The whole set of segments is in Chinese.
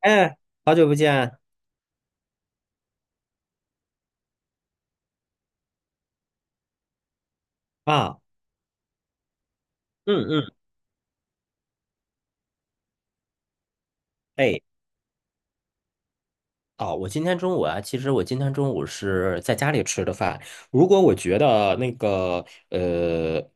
哎，好久不见啊！嗯嗯，哎，哦，我今天中午啊，其实我今天中午是在家里吃的饭。如果我觉得那个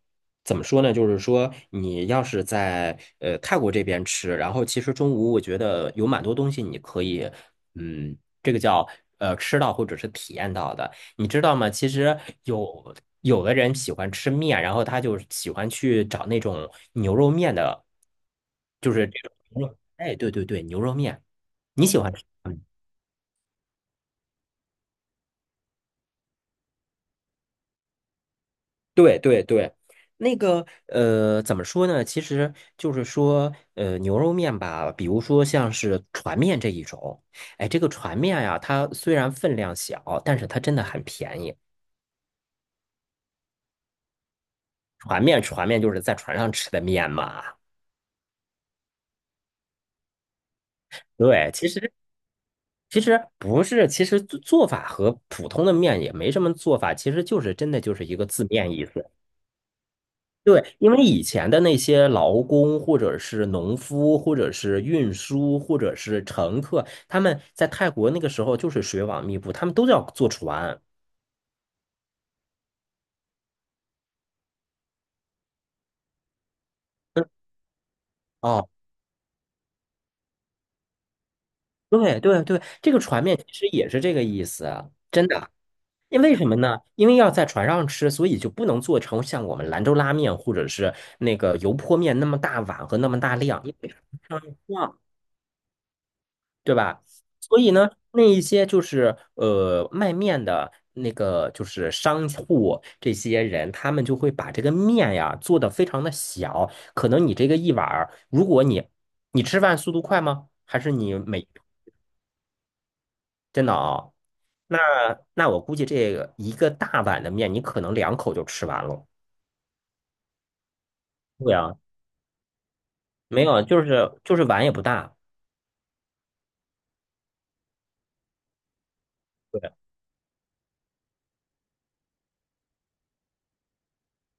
怎么说呢？就是说，你要是在泰国这边吃，然后其实中午我觉得有蛮多东西你可以，这个叫吃到或者是体验到的，你知道吗？其实有的人喜欢吃面，然后他就喜欢去找那种牛肉面的，就是这种牛肉，哎，对对对，牛肉面，你喜欢吃？对对对，那个怎么说呢？其实就是说，牛肉面吧，比如说像是船面这一种，哎，这个船面呀，它虽然分量小，但是它真的很便宜。船面，船面就是在船上吃的面嘛。对，其实不是，其实做法和普通的面也没什么做法，其实就是真的就是一个字面意思。对，因为以前的那些劳工，或者是农夫，或者是运输，或者是乘客，他们在泰国那个时候就是水网密布，他们都要坐船。嗯，哦，对对对，这个船面其实也是这个意思，真的。因为什么呢？因为要在船上吃，所以就不能做成像我们兰州拉面或者是那个油泼面那么大碗和那么大量，因为对吧？所以呢，那一些就是卖面的那个就是商户这些人，他们就会把这个面呀做得非常的小。可能你这个一碗儿，如果你吃饭速度快吗？还是你每真的啊、那那我估计这个一个大碗的面，你可能两口就吃完了。对啊，没有，就是碗也不大。对。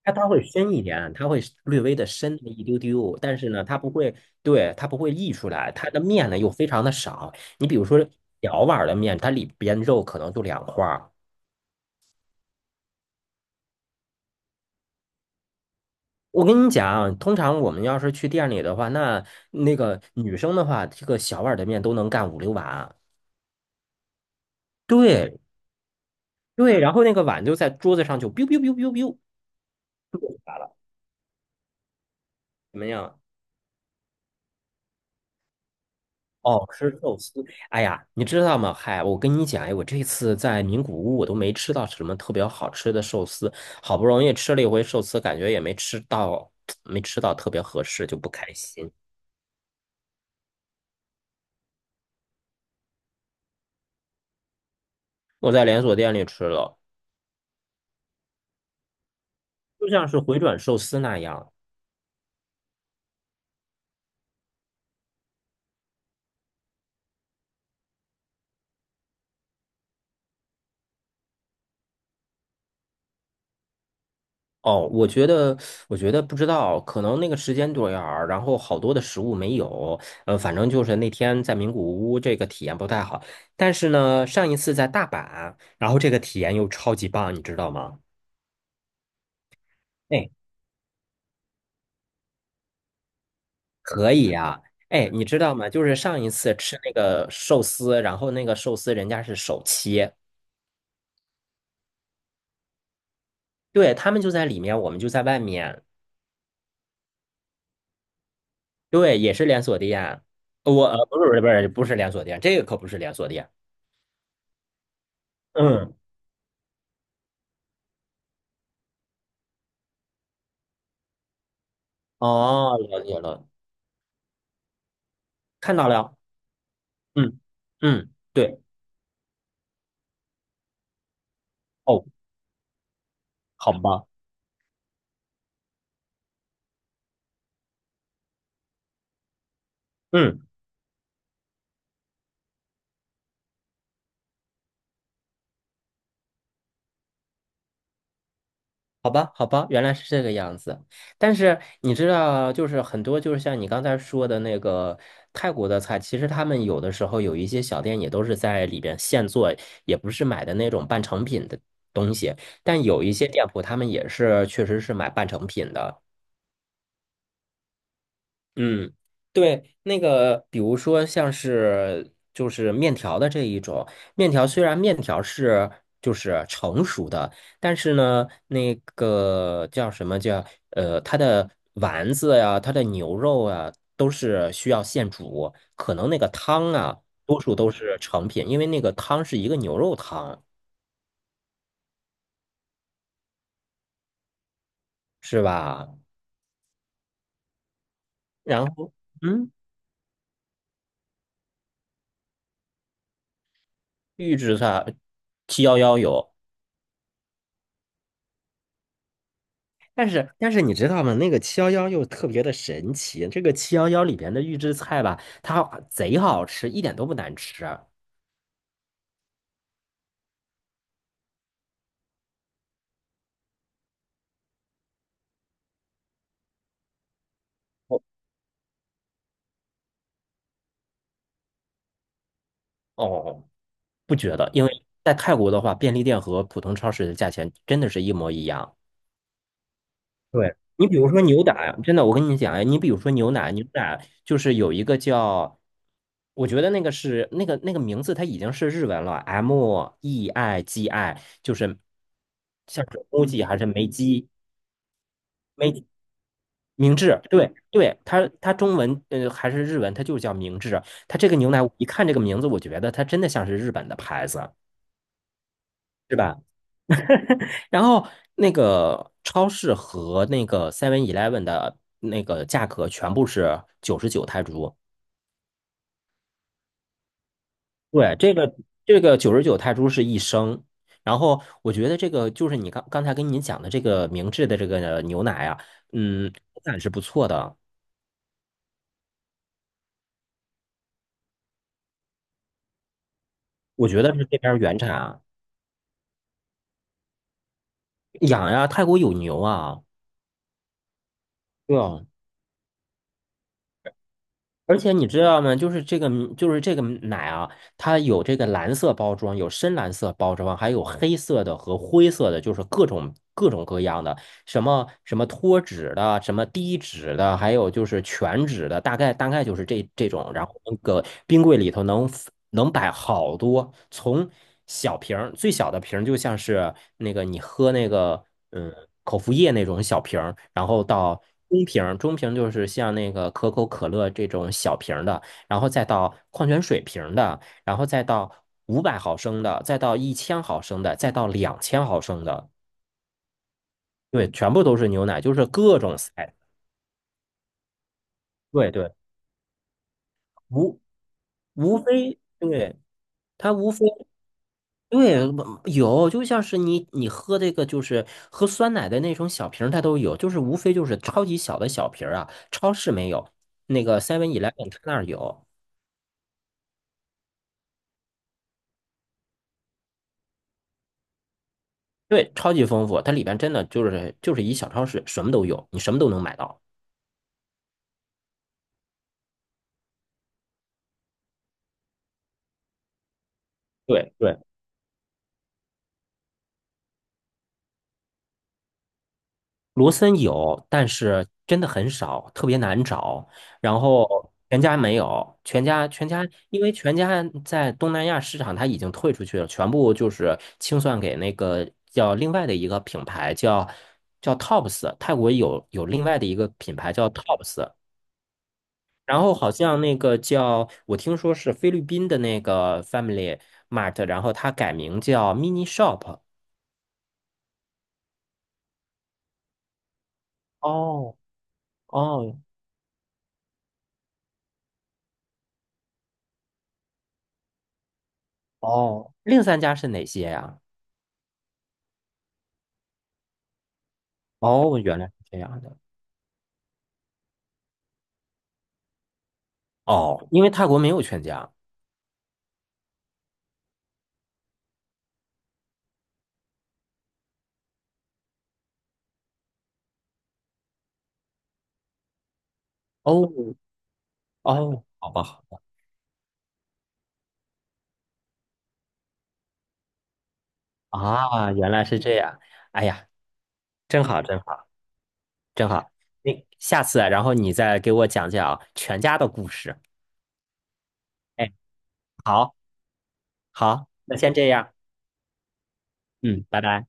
它会深一点，它会略微的深那么一丢丢，但是呢，它不会，对，它不会溢出来，它的面呢又非常的少。你比如说小碗的面，它里边肉可能就2块儿。我跟你讲，通常我们要是去店里的话，那个女生的话，这个小碗的面都能干5、6碗。对对，然后那个碗就在桌子上就 biu biu biu biu biu,怎么样？哦，吃寿司。哎呀，你知道吗？嗨，我跟你讲，哎，我这次在名古屋，我都没吃到什么特别好吃的寿司。好不容易吃了一回寿司，感觉也没吃到，没吃到特别合适，就不开心。我在连锁店里吃了，就像是回转寿司那样。哦，我觉得，我觉得不知道，可能那个时间段儿，然后好多的食物没有。反正就是那天在名古屋这个体验不太好，但是呢，上一次在大阪，然后这个体验又超级棒，你知道吗？哎，可以呀、哎，你知道吗？就是上一次吃那个寿司，然后那个寿司人家是手切，对，他们就在里面，我们就在外面，对，也是连锁店。我不是不是不是连锁店，这个可不是连锁店。嗯，哦，了解了，看到了，嗯嗯，对，哦，好吧。嗯。好吧，好吧，原来是这个样子。但是你知道，就是很多，就是像你刚才说的那个泰国的菜，其实他们有的时候有一些小店也都是在里边现做，也不是买的那种半成品的东西。但有一些店铺，他们也是确实是买半成品的。嗯，对，那个比如说像是就是面条的这一种，面条虽然面条是就是成熟的，但是呢，那个叫什么叫它的丸子呀，它的牛肉啊，都是需要现煮，可能那个汤啊，多数都是成品，因为那个汤是一个牛肉汤，是吧？然后嗯，预制菜七幺幺有。但是但是你知道吗？那个七幺幺又特别的神奇，这个七幺幺里边的预制菜吧，它贼好吃，一点都不难吃。哦哦，不觉得，因为在泰国的话，便利店和普通超市的价钱真的是一模一样。对，你比如说牛奶，真的，我跟你讲，哎你比如说牛奶，牛奶就是有一个叫，我觉得那个是那个名字，它已经是日文了，MEIGI,就是像是 m u 还是梅基明治，对对，它它中文还是日文，它就是叫明治。它这个牛奶，我一看这个名字，我觉得它真的像是日本的牌子，是吧？然后那个超市和那个 Seven Eleven 的那个价格全部是99泰铢。对，这个九十九泰铢是1升。然后我觉得这个就是你刚刚才跟你讲的这个明治的这个牛奶啊，嗯，口感是不错的，我觉得是这边儿原产啊养呀，泰国有牛啊。对啊，而且你知道吗？就是这个，就是这个奶啊，它有这个蓝色包装，有深蓝色包装，还有黑色的和灰色的，就是各种各种各样的。什么什么脱脂的，什么低脂的，还有就是全脂的，大概就是这这种。然后那个冰柜里头能能摆好多，从小瓶儿最小的瓶儿，就像是那个你喝那个嗯口服液那种小瓶儿，然后到中瓶就是像那个可口可乐这种小瓶的，然后再到矿泉水瓶的，然后再到500毫升的，再到1000毫升的，再到2000毫升的。对，全部都是牛奶，就是各种 size。对对，无无非对它无非对有，就像是你你喝这个就是喝酸奶的那种小瓶儿它都有，就是无非就是超级小的小瓶儿啊，超市没有，那个 Seven Eleven 它那儿有，对，超级丰富，它里边真的就是就是一小超市，什么都有，你什么都能买到。对对。罗森有，但是真的很少，特别难找。然后全家没有，全家全家，因为全家在东南亚市场它已经退出去了，全部就是清算给那个叫另外的一个品牌叫 Tops,泰国有另外的一个品牌叫 Tops。然后好像那个叫，我听说是菲律宾的那个 Family Mart,然后它改名叫 Mini Shop。哦哦哦，另三家是哪些呀？哦，原来是这样的。哦，因为泰国没有全家。哦哦，好吧，好吧啊，原来是这样。哎呀，真好，真好，真好。那下次啊，然后你再给我讲讲啊全家的故事。哎，好，好，那先这样。嗯，拜拜。